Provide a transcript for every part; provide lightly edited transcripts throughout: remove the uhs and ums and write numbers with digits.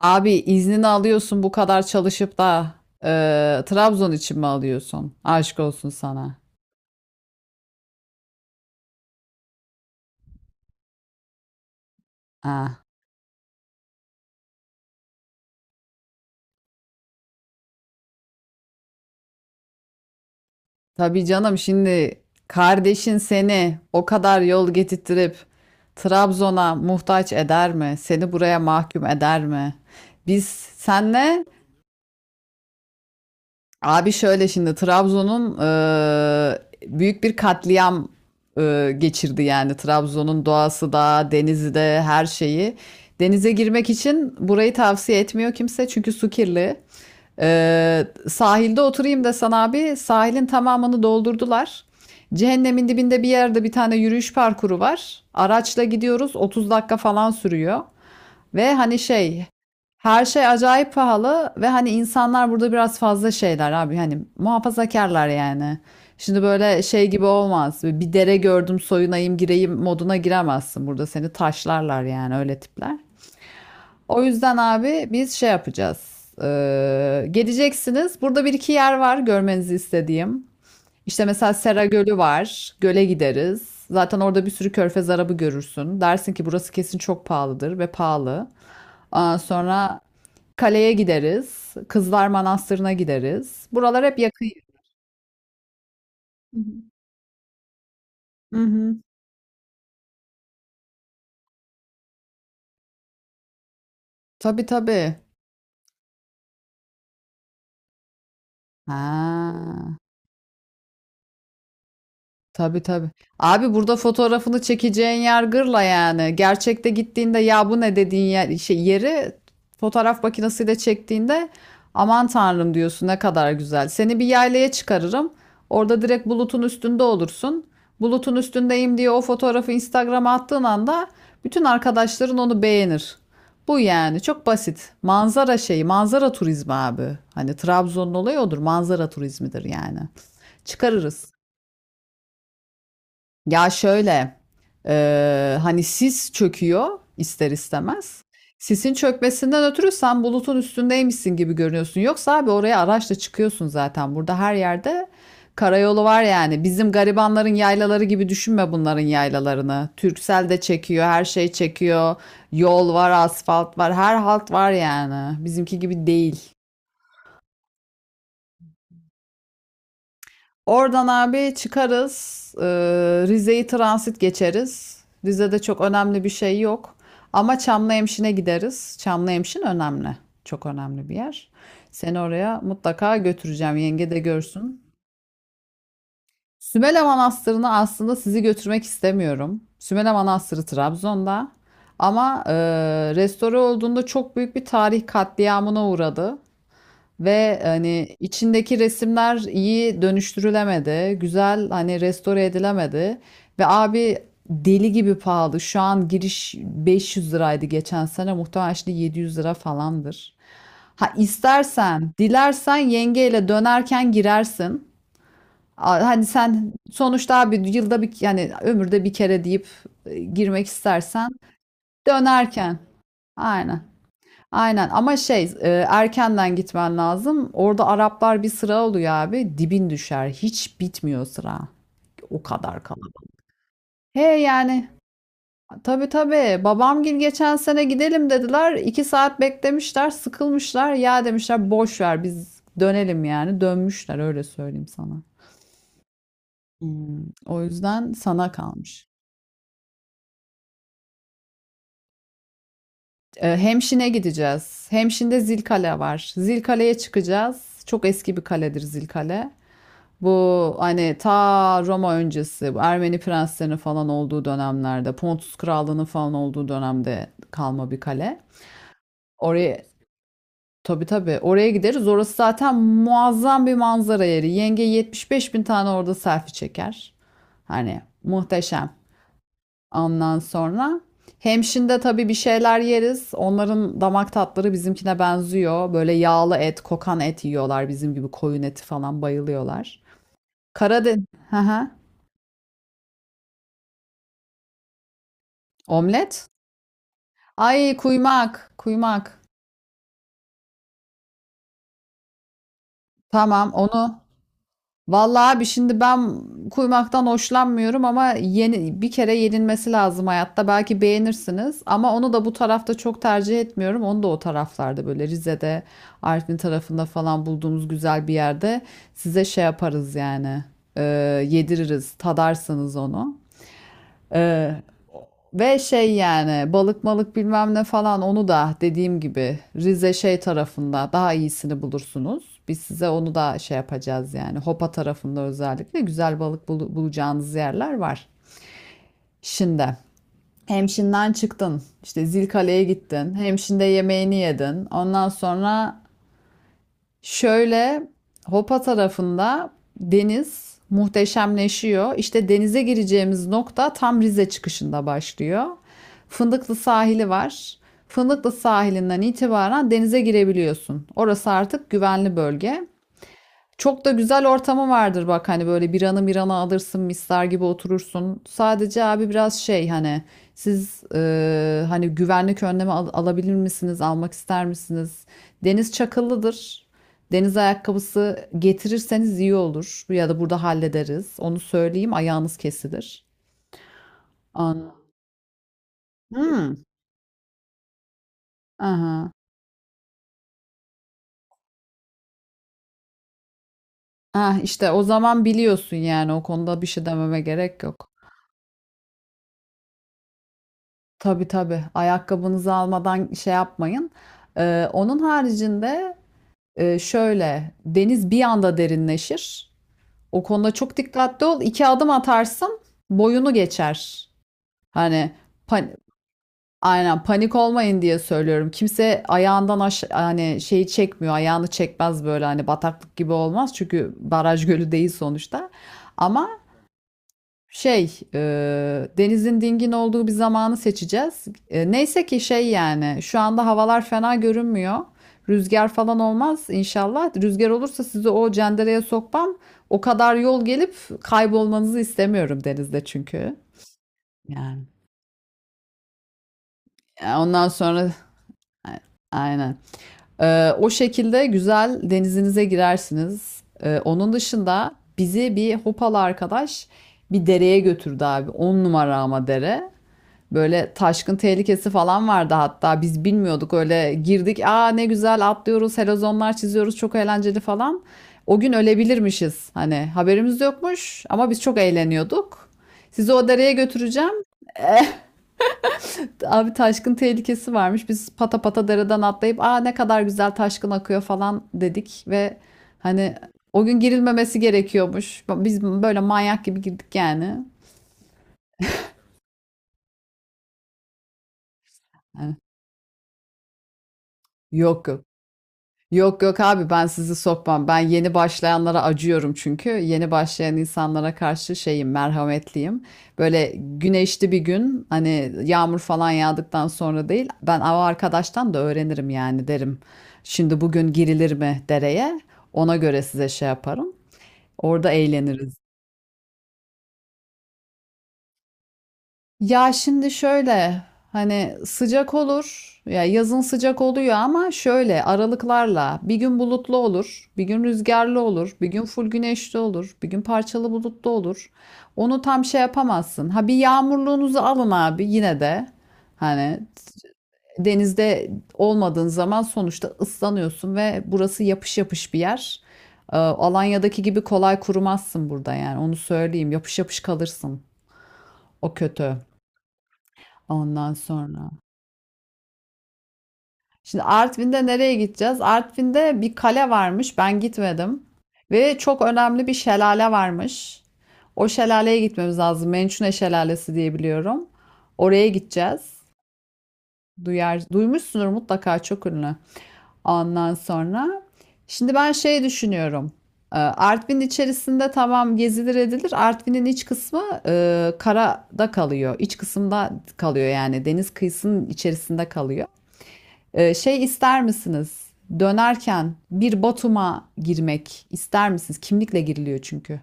Abi iznini alıyorsun bu kadar çalışıp da Trabzon için mi alıyorsun? Aşk olsun sana. Ha. Tabii canım, şimdi kardeşin seni o kadar yol getirttirip Trabzon'a muhtaç eder mi? Seni buraya mahkum eder mi? Biz senle abi şöyle şimdi Trabzon'un büyük bir katliam geçirdi yani. Trabzon'un doğası da, denizi de, her şeyi. Denize girmek için burayı tavsiye etmiyor kimse çünkü su kirli. Sahilde oturayım desen abi, sahilin tamamını doldurdular. Cehennemin dibinde bir yerde bir tane yürüyüş parkuru var. Araçla gidiyoruz, 30 dakika falan sürüyor. Ve hani şey, her şey acayip pahalı ve hani insanlar burada biraz fazla şeyler abi, hani muhafazakarlar yani. Şimdi böyle şey gibi olmaz. Bir dere gördüm, soyunayım gireyim moduna giremezsin. Burada seni taşlarlar yani, öyle tipler. O yüzden abi biz şey yapacağız. Geleceksiniz. Burada bir iki yer var görmenizi istediğim. İşte mesela Sera Gölü var. Göle gideriz. Zaten orada bir sürü körfez arabı görürsün. Dersin ki burası kesin çok pahalıdır, ve pahalı. Ondan sonra kaleye gideriz. Kızlar Manastırı'na gideriz. Buralar hep yakın. Hı hı. Tabii tabii. Ha. Tabii tabii. Abi burada fotoğrafını çekeceğin yer gırla yani. Gerçekte gittiğinde ya bu ne dediğin yer, şey, yeri fotoğraf makinesiyle çektiğinde aman tanrım diyorsun, ne kadar güzel. Seni bir yaylaya çıkarırım. Orada direkt bulutun üstünde olursun. Bulutun üstündeyim diye o fotoğrafı Instagram'a attığın anda bütün arkadaşların onu beğenir. Bu yani çok basit. Manzara şeyi, manzara turizmi abi. Hani Trabzon'un olayı odur. Manzara turizmidir yani. Çıkarırız. Ya şöyle, hani sis çöküyor ister istemez. Sisin çökmesinden ötürü sen bulutun üstündeymişsin gibi görünüyorsun. Yoksa abi oraya araçla çıkıyorsun zaten. Burada her yerde karayolu var yani. Bizim garibanların yaylaları gibi düşünme bunların yaylalarını. Türksel de çekiyor, her şey çekiyor. Yol var, asfalt var, her halt var yani. Bizimki gibi değil. Oradan abi çıkarız. Rize'yi transit geçeriz. Rize'de çok önemli bir şey yok. Ama Çamlıhemşin'e gideriz. Çamlıhemşin önemli. Çok önemli bir yer. Seni oraya mutlaka götüreceğim. Yenge de görsün. Sümele Manastırı'na aslında sizi götürmek istemiyorum. Sümele Manastırı Trabzon'da. Ama restore olduğunda çok büyük bir tarih katliamına uğradı. Ve hani içindeki resimler iyi dönüştürülemedi. Güzel, hani restore edilemedi. Ve abi deli gibi pahalı. Şu an giriş 500 liraydı geçen sene. Muhtemelen şimdi 700 lira falandır. Ha istersen, dilersen yengeyle dönerken girersin. Hani sen sonuçta abi yılda bir yani ömürde bir kere deyip girmek istersen dönerken. Aynen. Aynen ama şey erkenden gitmen lazım. Orada Araplar bir sıra oluyor abi. Dibin düşer. Hiç bitmiyor sıra. O kadar kalabalık. He yani tabii tabii, babamgil geçen sene gidelim dediler. 2 saat beklemişler, sıkılmışlar. Ya demişler boş ver, biz dönelim yani. Dönmüşler, öyle söyleyeyim sana. Hmm, o yüzden sana kalmış. Hemşin'e gideceğiz. Hemşin'de Zilkale var. Zilkale'ye çıkacağız. Çok eski bir kaledir Zilkale. Bu hani ta Roma öncesi, bu Ermeni prenslerinin falan olduğu dönemlerde, Pontus Krallığı'nın falan olduğu dönemde kalma bir kale. Oraya tabii tabii, oraya gideriz. Orası zaten muazzam bir manzara yeri. Yenge 75 bin tane orada selfie çeker. Hani muhteşem. Ondan sonra Hemşin'de tabii bir şeyler yeriz. Onların damak tatları bizimkine benziyor. Böyle yağlı et, kokan et yiyorlar, bizim gibi koyun eti falan bayılıyorlar. Karadeniz. Hı hı. Omlet? Ay, kuymak, kuymak. Tamam, onu. Vallahi abi şimdi ben kuymaktan hoşlanmıyorum, ama yeni bir kere yenilmesi lazım hayatta. Belki beğenirsiniz ama onu da bu tarafta çok tercih etmiyorum. Onu da o taraflarda böyle Rize'de, Artvin tarafında falan bulduğumuz güzel bir yerde size şey yaparız yani. Ee, Yediririz, tadarsanız onu. Ee, Ve şey yani balık malık bilmem ne falan, onu da dediğim gibi Rize şey tarafında daha iyisini bulursunuz. Biz size onu da şey yapacağız yani, Hopa tarafında özellikle güzel balık bulacağınız yerler var. Şimdi Hemşin'den çıktın, işte Zilkale'ye gittin, Hemşin'de yemeğini yedin, ondan sonra şöyle Hopa tarafında deniz muhteşemleşiyor. İşte denize gireceğimiz nokta tam Rize çıkışında başlıyor. Fındıklı sahili var. Fındıklı sahilinden itibaren denize girebiliyorsun. Orası artık güvenli bölge. Çok da güzel ortamı vardır bak, hani böyle biranı mirana alırsın, misler gibi oturursun. Sadece abi biraz şey, hani siz hani güvenlik önlemi alabilir misiniz, almak ister misiniz? Deniz çakıllıdır. Deniz ayakkabısı getirirseniz iyi olur, ya da burada hallederiz. Onu söyleyeyim, ayağınız kesilir. An. Hmm. Aha. Ah işte o zaman biliyorsun yani, o konuda bir şey dememe gerek yok. Tabii tabii. Ayakkabınızı almadan şey yapmayın. Onun haricinde şöyle, deniz bir anda derinleşir. O konuda çok dikkatli ol. 2 adım atarsın, boyunu geçer. Hani pan- aynen, panik olmayın diye söylüyorum. Kimse ayağından aş hani şeyi çekmiyor. Ayağını çekmez, böyle hani bataklık gibi olmaz. Çünkü baraj gölü değil sonuçta. Ama şey, denizin dingin olduğu bir zamanı seçeceğiz. Neyse ki şey yani şu anda havalar fena görünmüyor. Rüzgar falan olmaz inşallah. Rüzgar olursa sizi o cendereye sokmam. O kadar yol gelip kaybolmanızı istemiyorum denizde çünkü. Yani ondan sonra a- aynen. O şekilde güzel, denizinize girersiniz. Onun dışında, bizi bir hopalı arkadaş bir dereye götürdü abi. On numara ama dere. Böyle taşkın tehlikesi falan vardı, hatta biz bilmiyorduk öyle girdik, aa ne güzel atlıyoruz, helezonlar çiziyoruz, çok eğlenceli falan. O gün ölebilirmişiz, hani haberimiz yokmuş ama biz çok eğleniyorduk. Sizi o dereye götüreceğim. Abi taşkın tehlikesi varmış. Biz pata pata dereden atlayıp aa ne kadar güzel taşkın akıyor falan dedik ve hani o gün girilmemesi gerekiyormuş. Biz böyle manyak gibi girdik yani. Yani yok yok. Yok yok abi, ben sizi sokmam. Ben yeni başlayanlara acıyorum çünkü. Yeni başlayan insanlara karşı şeyim, merhametliyim. Böyle güneşli bir gün hani, yağmur falan yağdıktan sonra değil. Ben av arkadaştan da öğrenirim yani, derim. Şimdi bugün girilir mi dereye? Ona göre size şey yaparım. Orada eğleniriz. Ya şimdi şöyle hani sıcak olur ya, yazın sıcak oluyor, ama şöyle aralıklarla bir gün bulutlu olur, bir gün rüzgarlı olur, bir gün full güneşli olur, bir gün parçalı bulutlu olur. Onu tam şey yapamazsın. Ha bir yağmurluğunuzu alın abi yine de, hani denizde olmadığın zaman sonuçta ıslanıyorsun ve burası yapış yapış bir yer. Alanya'daki gibi kolay kurumazsın burada yani, onu söyleyeyim, yapış yapış kalırsın, o kötü. Ondan sonra. Şimdi Artvin'de nereye gideceğiz? Artvin'de bir kale varmış. Ben gitmedim. Ve çok önemli bir şelale varmış. O şelaleye gitmemiz lazım. Mençune Şelalesi diye biliyorum. Oraya gideceğiz. Duymuşsunuz mutlaka, çok ünlü. Ondan sonra şimdi ben şey düşünüyorum. Artvin içerisinde tamam, gezilir edilir. Artvin'in iç kısmı karada kalıyor. İç kısımda kalıyor yani, deniz kıyısının içerisinde kalıyor. Şey ister misiniz? Dönerken bir Batum'a girmek ister misiniz? Kimlikle giriliyor çünkü.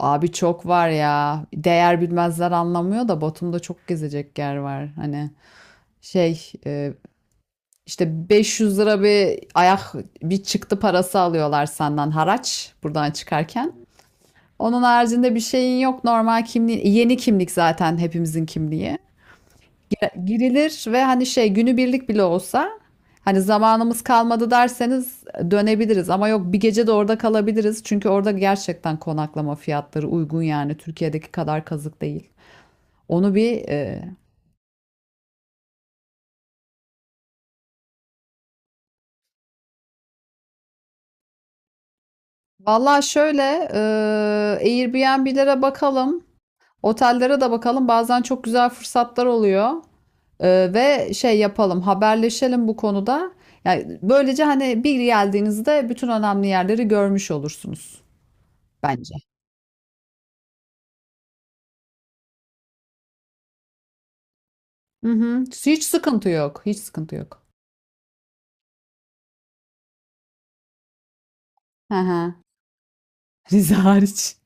Abi çok var ya. Değer bilmezler anlamıyor da, Batum'da çok gezecek yer var. Hani şey işte 500 lira bir ayak bir çıktı parası alıyorlar, senden haraç buradan çıkarken. Onun haricinde bir şeyin yok, normal kimliğin. Yeni kimlik zaten hepimizin kimliği. Girilir ve hani şey günübirlik bile olsa, hani zamanımız kalmadı derseniz dönebiliriz, ama yok, bir gece de orada kalabiliriz. Çünkü orada gerçekten konaklama fiyatları uygun yani, Türkiye'deki kadar kazık değil. Onu bir valla şöyle Airbnb'lere bakalım, otellere de bakalım. Bazen çok güzel fırsatlar oluyor. Ve şey yapalım, haberleşelim bu konuda. Yani böylece, hani bir geldiğinizde bütün önemli yerleri görmüş olursunuz bence. Hı hı. Hiç sıkıntı yok. Hiç sıkıntı yok. Hı hı. Rize hariç.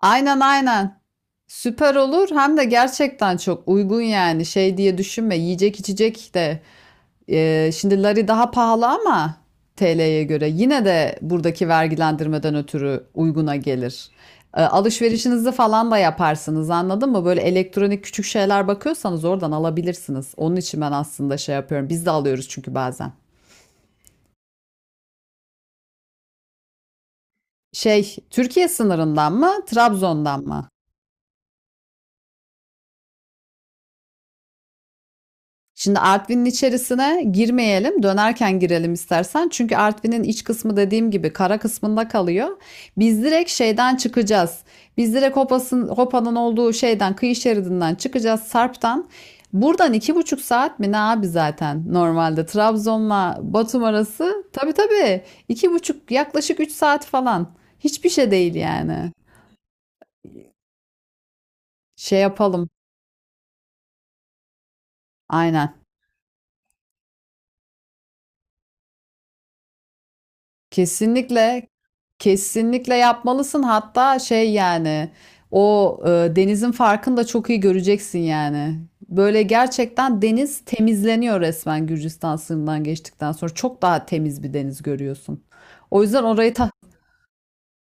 Aynen aynen. Süper olur. Hem de gerçekten çok uygun yani. Şey diye düşünme. Yiyecek içecek de. Şimdi lari daha pahalı, ama TL'ye göre. Yine de buradaki vergilendirmeden ötürü uyguna gelir. Alışverişinizi falan da yaparsınız, anladın mı? Böyle elektronik küçük şeyler bakıyorsanız oradan alabilirsiniz. Onun için ben aslında şey yapıyorum. Biz de alıyoruz çünkü bazen. Şey, Türkiye sınırından mı, Trabzon'dan mı? Şimdi Artvin'in içerisine girmeyelim, dönerken girelim istersen. Çünkü Artvin'in iç kısmı, dediğim gibi, kara kısmında kalıyor. Biz direkt şeyden çıkacağız. Biz direkt Hopas'ın, Hopa'nın olduğu şeyden, kıyı şeridinden çıkacağız, Sarp'tan. Buradan 2,5 saat mi ne abi, zaten normalde Trabzon'la Batum arası. Tabii tabii, 2,5 yaklaşık 3 saat falan. Hiçbir şey değil yani. Şey yapalım. Aynen. Kesinlikle, kesinlikle yapmalısın. Hatta şey yani o denizin farkını da çok iyi göreceksin yani. Böyle gerçekten deniz temizleniyor resmen, Gürcistan sınırından geçtikten sonra. Çok daha temiz bir deniz görüyorsun. O yüzden orayı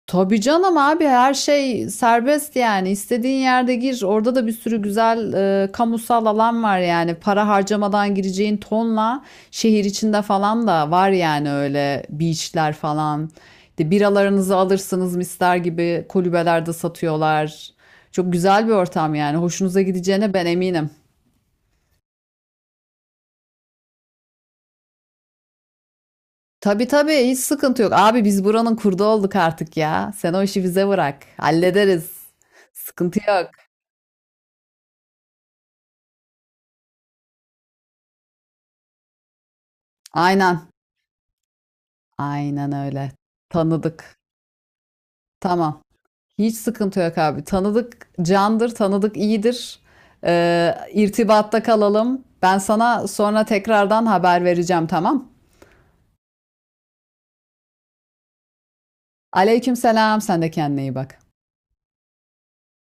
tabii canım abi, her şey serbest yani, istediğin yerde gir, orada da bir sürü güzel kamusal alan var yani, para harcamadan gireceğin tonla, şehir içinde falan da var yani, öyle beachler falan de, biralarınızı alırsınız, mister gibi kulübelerde satıyorlar, çok güzel bir ortam yani, hoşunuza gideceğine ben eminim. Tabii tabii, hiç sıkıntı yok abi, biz buranın kurdu olduk artık ya, sen o işi bize bırak, hallederiz, sıkıntı yok, aynen. Aynen öyle. Tanıdık. Tamam. Hiç sıkıntı yok abi. Tanıdık candır, tanıdık iyidir. İrtibatta kalalım. Ben sana sonra tekrardan haber vereceğim, tamam? Aleykümselam. Sen de kendine iyi bak.